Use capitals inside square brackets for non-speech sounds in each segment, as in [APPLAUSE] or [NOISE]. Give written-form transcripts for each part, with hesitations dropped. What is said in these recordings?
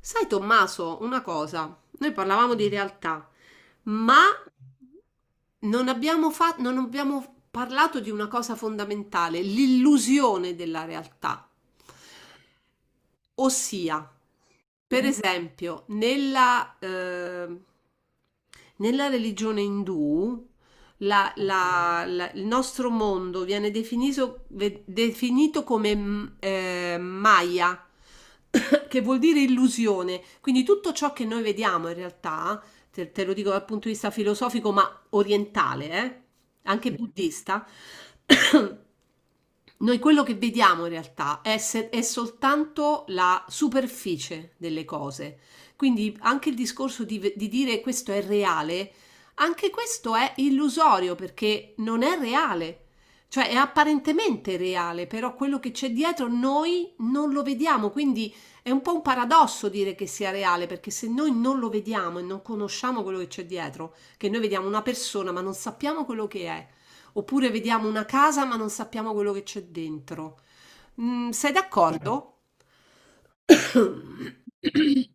Sai, Tommaso, una cosa, noi parlavamo di realtà, ma non abbiamo, non abbiamo parlato di una cosa fondamentale, l'illusione della realtà. Ossia, per esempio, nella religione indù, il nostro mondo viene definito, definito come Maya, [COUGHS] che vuol dire illusione. Quindi tutto ciò che noi vediamo in realtà, te lo dico dal punto di vista filosofico, ma orientale, anche buddista. [COUGHS] Noi quello che vediamo in realtà è, è soltanto la superficie delle cose. Quindi anche il discorso di, di dire questo è reale, anche questo è illusorio perché non è reale. Cioè è apparentemente reale, però quello che c'è dietro noi non lo vediamo, quindi è un po' un paradosso dire che sia reale, perché se noi non lo vediamo e non conosciamo quello che c'è dietro, che noi vediamo una persona ma non sappiamo quello che è. Oppure vediamo una casa ma non sappiamo quello che c'è dentro. Sei d'accordo? [COUGHS]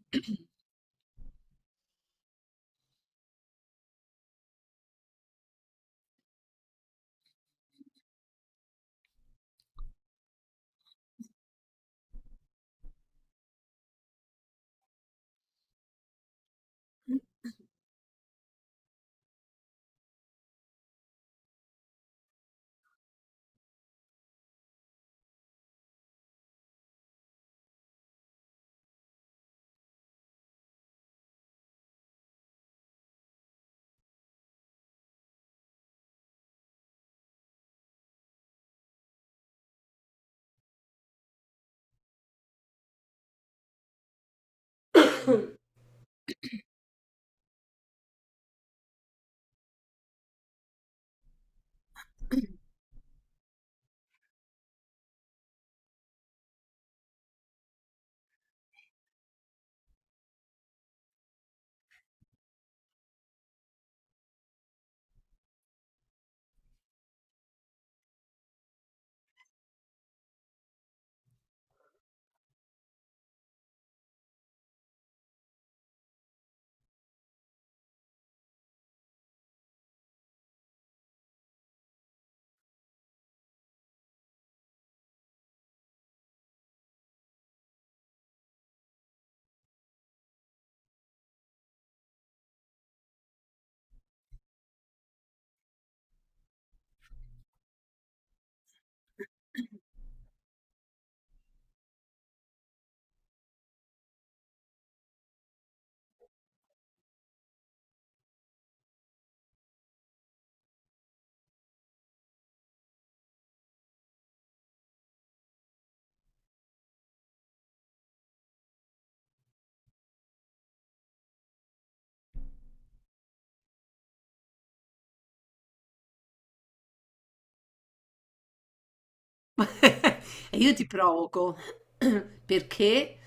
E io ti provoco [COUGHS] perché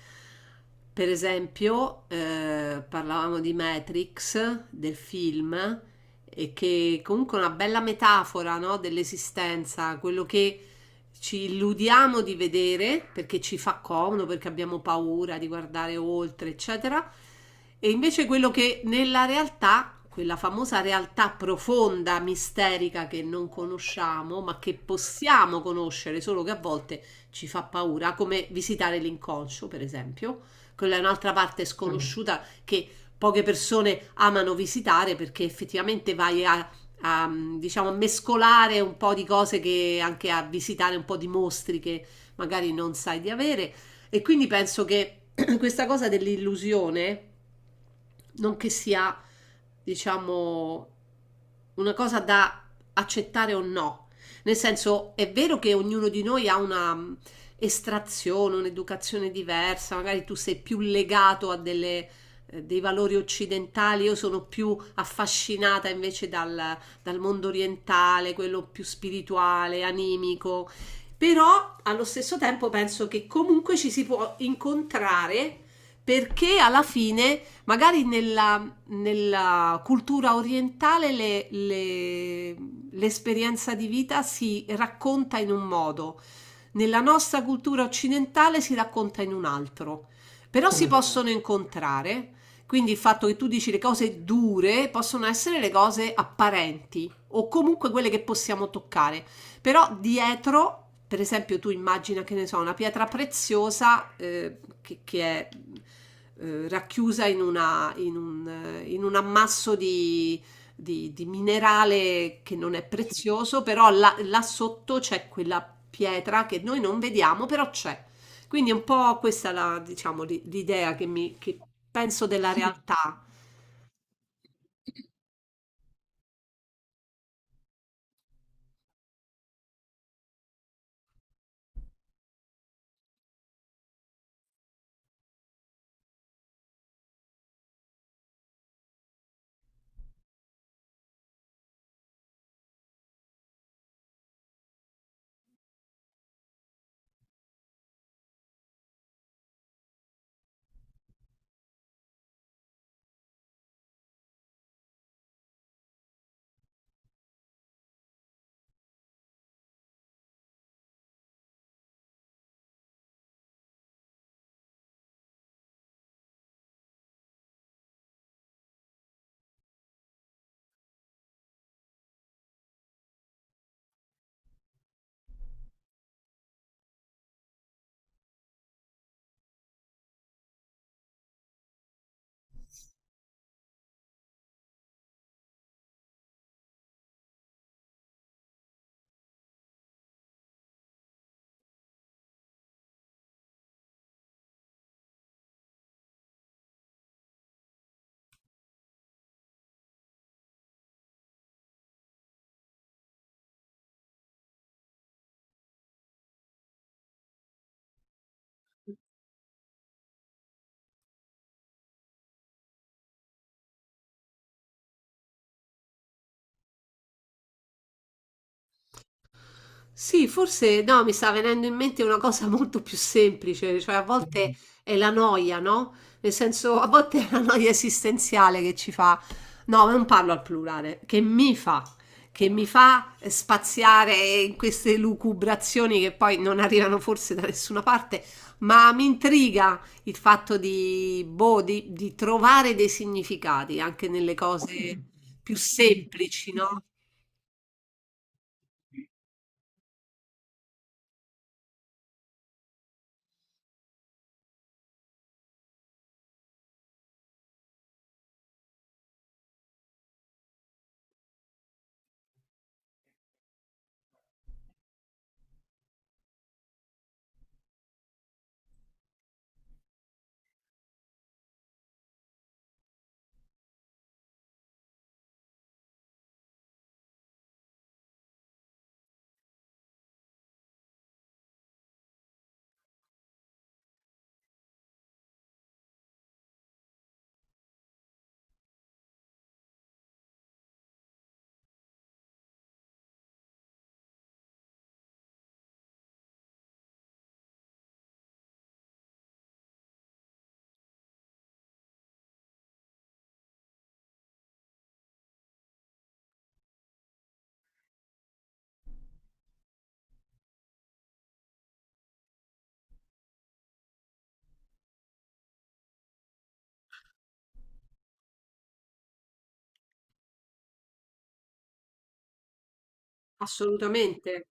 per esempio, parlavamo di Matrix, del film, e che comunque è una bella metafora, no, dell'esistenza, quello che ci illudiamo di vedere perché ci fa comodo, perché abbiamo paura di guardare oltre, eccetera, e invece quello che nella realtà, quella famosa realtà profonda, misterica che non conosciamo, ma che possiamo conoscere, solo che a volte ci fa paura, come visitare l'inconscio, per esempio quella è un'altra parte sconosciuta che poche persone amano visitare perché effettivamente vai a, diciamo, a mescolare un po' di cose che anche a visitare un po' di mostri che magari non sai di avere. E quindi penso che [CLEARS THROAT] questa cosa dell'illusione non che sia, diciamo, una cosa da accettare o no. Nel senso, è vero che ognuno di noi ha una estrazione, un'educazione diversa, magari tu sei più legato a dei valori occidentali, io sono più affascinata invece dal mondo orientale, quello più spirituale, animico. Però allo stesso tempo penso che comunque ci si può incontrare perché alla fine magari nella cultura orientale l'esperienza di vita si racconta in un modo, nella nostra cultura occidentale si racconta in un altro, però si possono incontrare, quindi il fatto che tu dici le cose dure possono essere le cose apparenti o comunque quelle che possiamo toccare. Però dietro, per esempio, tu immagina che ne so, una pietra preziosa, che è racchiusa in un ammasso di- minerale che non è prezioso, però là sotto c'è quella pietra che noi non vediamo, però c'è. Quindi è un po' questa la, diciamo, l'idea che penso della realtà. Sì, forse no, mi sta venendo in mente una cosa [LAUGHS] molto più semplice, cioè a volte è la noia, no? Nel senso, a volte è la noia esistenziale che ci fa, no, ma non parlo al plurale, che mi fa spaziare in queste lucubrazioni che poi non arrivano forse da nessuna parte, ma mi intriga il fatto di, boh, di trovare dei significati anche nelle cose più semplici, no? Assolutamente.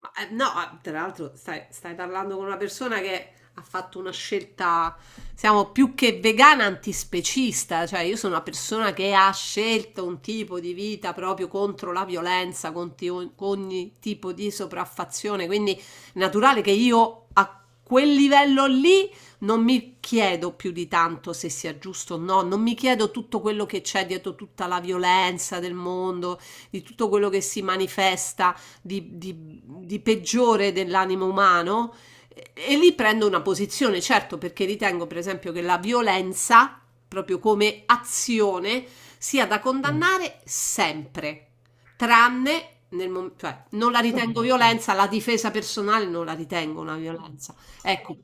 Ma, no, ah, tra l'altro stai parlando con una persona che ha fatto una scelta, siamo più che vegana antispecista, cioè io sono una persona che ha scelto un tipo di vita proprio contro la violenza, contro ogni tipo di sopraffazione, quindi è naturale che io a quel livello lì non mi chiedo più di tanto se sia giusto o no, non mi chiedo tutto quello che c'è dietro tutta la violenza del mondo, di tutto quello che si manifesta di, peggiore dell'animo umano e lì prendo una posizione, certo, perché ritengo, per esempio, che la violenza, proprio come azione, sia da condannare sempre, tranne nel momento, cioè, non la ritengo violenza, la difesa personale non la ritengo una violenza. Ecco,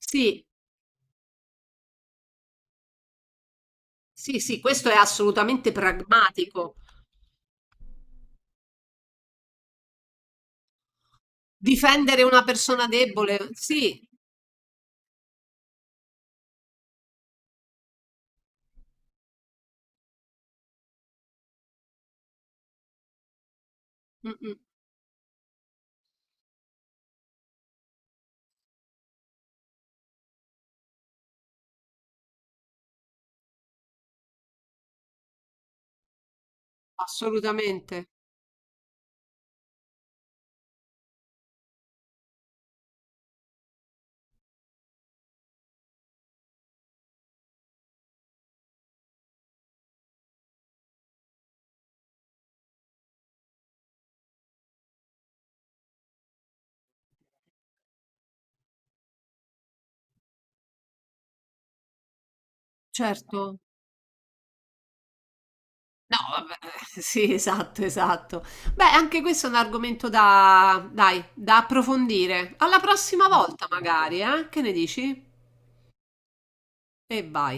sì, sì, sì, questo è assolutamente pragmatico. Difendere una persona debole, sì, mm, mm, assolutamente, certo. No, vabbè, [LAUGHS] sì, esatto, esatto. Beh, anche questo è un argomento dai, da approfondire. Alla prossima volta, magari, eh? Che ne dici? E vai.